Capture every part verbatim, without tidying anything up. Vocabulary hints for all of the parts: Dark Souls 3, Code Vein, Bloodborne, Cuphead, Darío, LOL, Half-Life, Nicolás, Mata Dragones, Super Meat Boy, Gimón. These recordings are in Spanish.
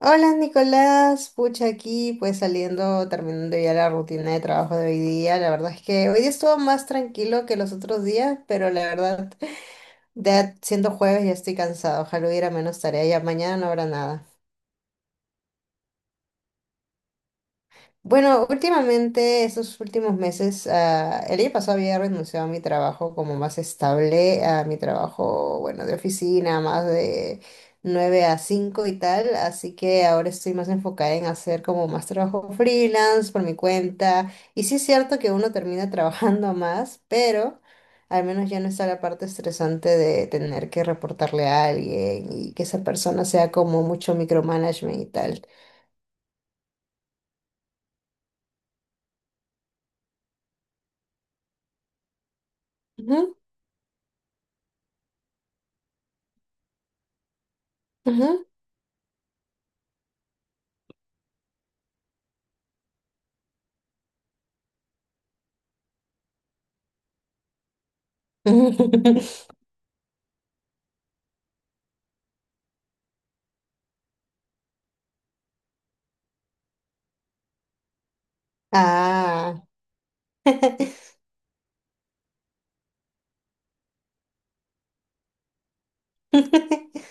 Hola Nicolás, pucha aquí, pues saliendo, terminando ya la rutina de trabajo de hoy día. La verdad es que hoy día estuvo más tranquilo que los otros días, pero la verdad, ya siendo jueves ya estoy cansado. Ojalá hubiera menos tarea, ya mañana no habrá nada. Bueno, últimamente, estos últimos meses, ah, el año pasado había renunciado a mi trabajo como más estable, a mi trabajo, bueno, de oficina, más de nueve a cinco y tal, así que ahora estoy más enfocada en hacer como más trabajo freelance por mi cuenta. Y sí es cierto que uno termina trabajando más, pero al menos ya no está la parte estresante de tener que reportarle a alguien y que esa persona sea como mucho micromanagement y tal. Ujú, ujú. Ah.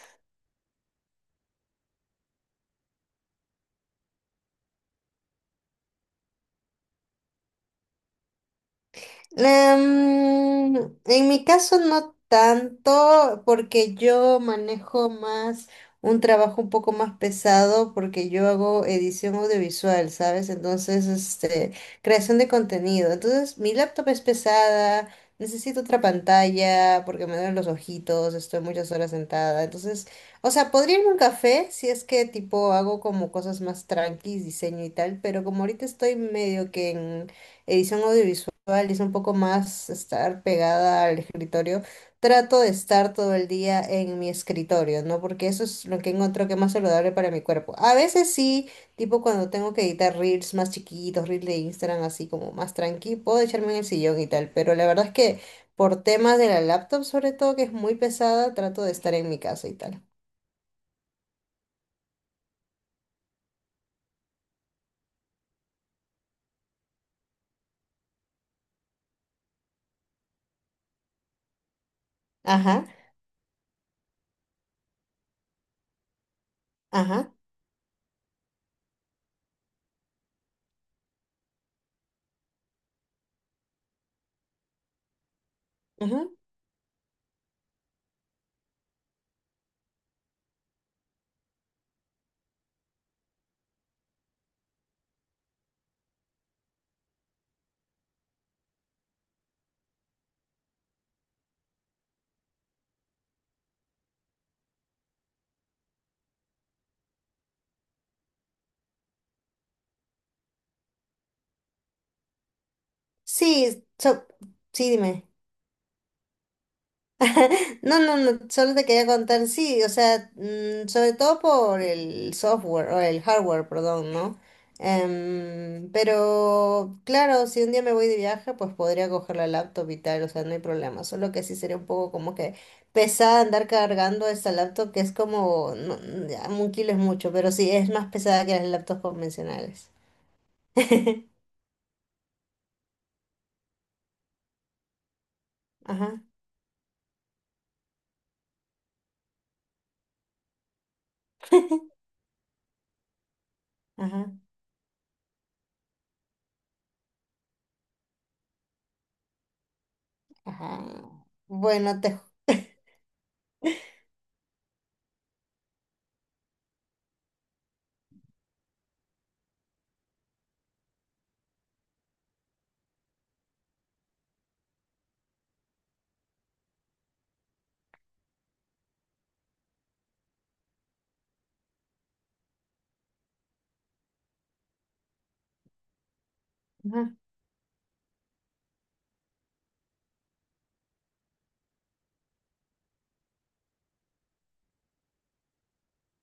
Em, en mi caso no tanto, porque yo manejo más un trabajo un poco más pesado, porque yo hago edición audiovisual, ¿sabes? Entonces, este, creación de contenido. Entonces, mi laptop es pesada, necesito otra pantalla, porque me duelen los ojitos, estoy muchas horas sentada. Entonces, o sea, podría irme a un café si es que tipo hago como cosas más tranquis, diseño y tal, pero como ahorita estoy medio que en edición audiovisual, visual y es un poco más estar pegada al escritorio, trato de estar todo el día en mi escritorio, ¿no? Porque eso es lo que encuentro que es más saludable para mi cuerpo. A veces sí, tipo cuando tengo que editar reels más chiquitos, reels de Instagram así como más tranqui, puedo echarme en el sillón y tal, pero la verdad es que por temas de la laptop sobre todo, que es muy pesada, trato de estar en mi casa y tal. Ajá, ajá, ajá. Sí, so- sí, dime. No, no, no, solo te quería contar, sí, o sea, mm, sobre todo por el software, o el hardware, perdón, ¿no? Em, pero claro, si un día me voy de viaje, pues podría coger la laptop y tal, o sea, no hay problema, solo que sí sería un poco como que pesada andar cargando esta laptop, que es como, no, ya, un kilo es mucho, pero sí, es más pesada que las laptops convencionales. Ajá, ajá, ajá. Bueno, te... ju-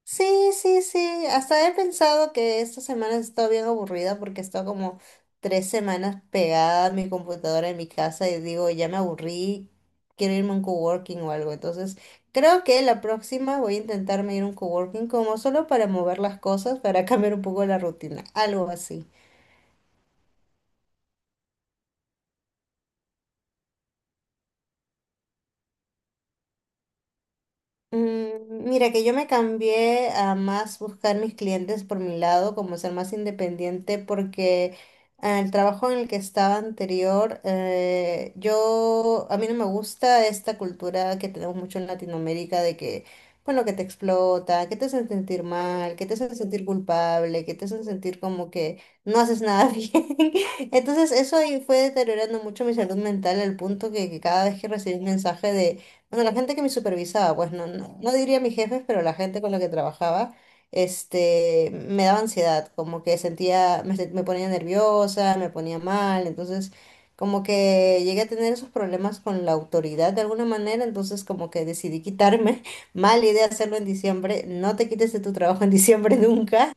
Sí, sí, sí. Hasta he pensado que esta semana he estado bien aburrida porque he estado como tres semanas pegada a mi computadora en mi casa y digo, ya me aburrí, quiero irme a un coworking o algo. Entonces, creo que la próxima voy a intentarme ir a un coworking como solo para mover las cosas, para cambiar un poco la rutina, algo así. Mm, Mira que yo me cambié a más buscar mis clientes por mi lado, como ser más independiente, porque eh, el trabajo en el que estaba anterior, eh, yo, a mí no me gusta esta cultura que tenemos mucho en Latinoamérica de que, bueno, que te explota, que te hacen sentir mal, que te hacen sentir culpable, que te hacen sentir como que no haces nada bien. Entonces eso ahí fue deteriorando mucho mi salud mental al punto que, que cada vez que recibí un mensaje de bueno, la gente que me supervisaba, pues no, no, no diría mis jefes, pero la gente con la que trabajaba, este, me daba ansiedad, como que sentía, me, sen- me ponía nerviosa, me ponía mal, entonces como que llegué a tener esos problemas con la autoridad de alguna manera, entonces como que decidí quitarme, mala idea hacerlo en diciembre, no te quites de tu trabajo en diciembre nunca,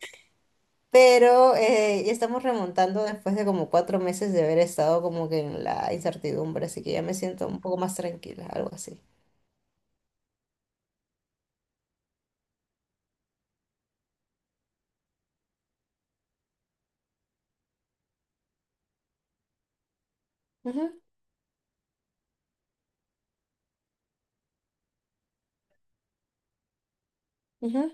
pero eh, ya estamos remontando después de como cuatro meses de haber estado como que en la incertidumbre, así que ya me siento un poco más tranquila, algo así. Ajá,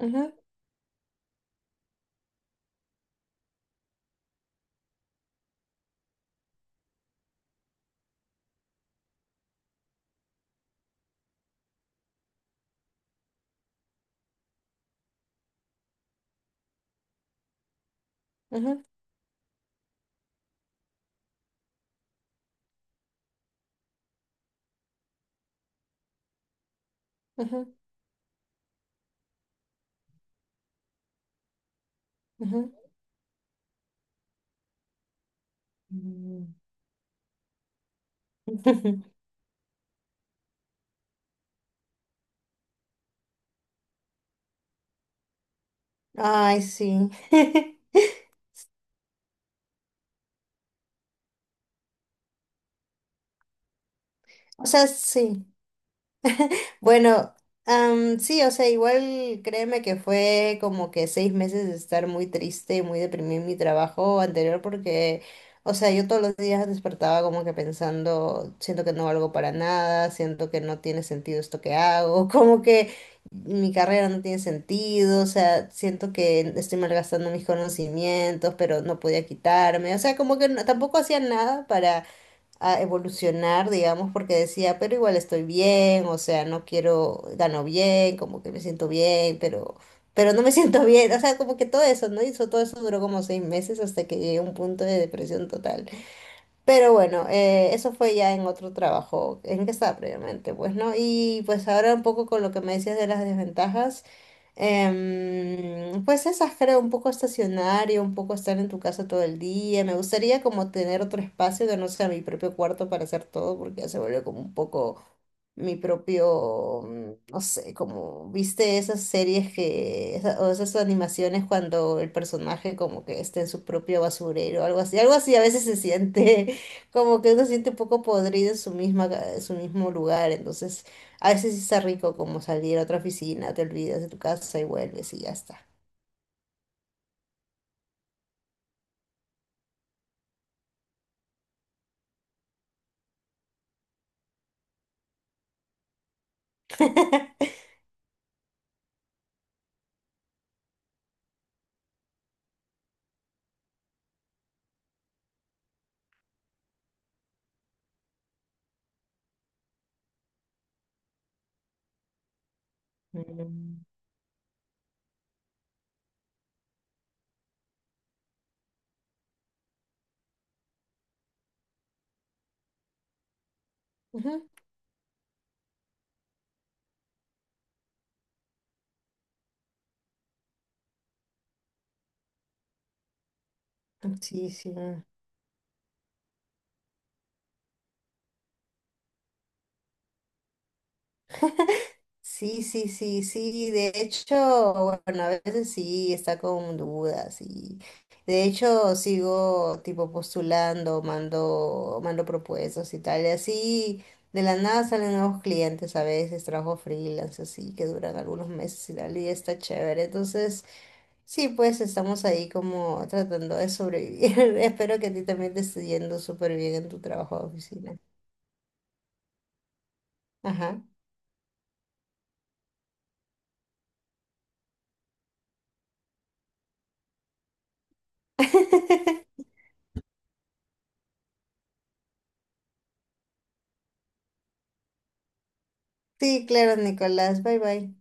ajá, ajá, ajá, ajá. Mm. Ay, sí. O sea, sí. Bueno, am, sí, o sea, igual créeme que fue como que seis meses de estar muy triste y muy deprimida en mi trabajo anterior porque, o sea, yo todos los días despertaba como que pensando, siento que no valgo para nada, siento que no tiene sentido esto que hago, como que mi carrera no tiene sentido, o sea, siento que estoy malgastando mis conocimientos, pero no podía quitarme, o sea, como que no- tampoco hacía nada a evolucionar, digamos, porque decía, pero igual estoy bien, o sea, no quiero, gano bien, como que me siento bien, pero, pero, no me siento bien, o sea, como que todo eso, ¿no? Y eso, todo eso duró como seis meses hasta que llegué a un punto de depresión total. Pero bueno, eh, eso fue ya en otro trabajo en que estaba previamente, pues, ¿no? Y pues ahora un poco con lo que me decías de las desventajas, em, pues esas creo, un poco estacionario, un poco estar en tu casa todo el día. Me gustaría como tener otro espacio que no sea mi propio cuarto para hacer todo, porque ya se volvió como un poco mi propio, mm, no sé, como viste esas series que, esa- o esas animaciones cuando el personaje como que está en su propio basurero, algo así, algo así a veces se siente como que uno se siente un poco podrido en su misma, ca- en su mismo lugar, entonces a veces sí está rico como salir a otra oficina, te olvidas de tu casa y vuelves y ya está. Mm. Ujú. Sí, sí. Sí, sí, sí, sí. De hecho, bueno, a veces sí está con dudas y de hecho sigo tipo postulando, mando, mando propuestas y tal. Y así de la nada salen nuevos clientes a veces, trabajo freelance así que duran algunos meses y tal y está chévere. Entonces, sí, pues estamos ahí como tratando de sobrevivir. Espero que a ti también te esté yendo súper bien en tu trabajo de oficina. Ajá. Sí, claro, Nicolás. Bye bye.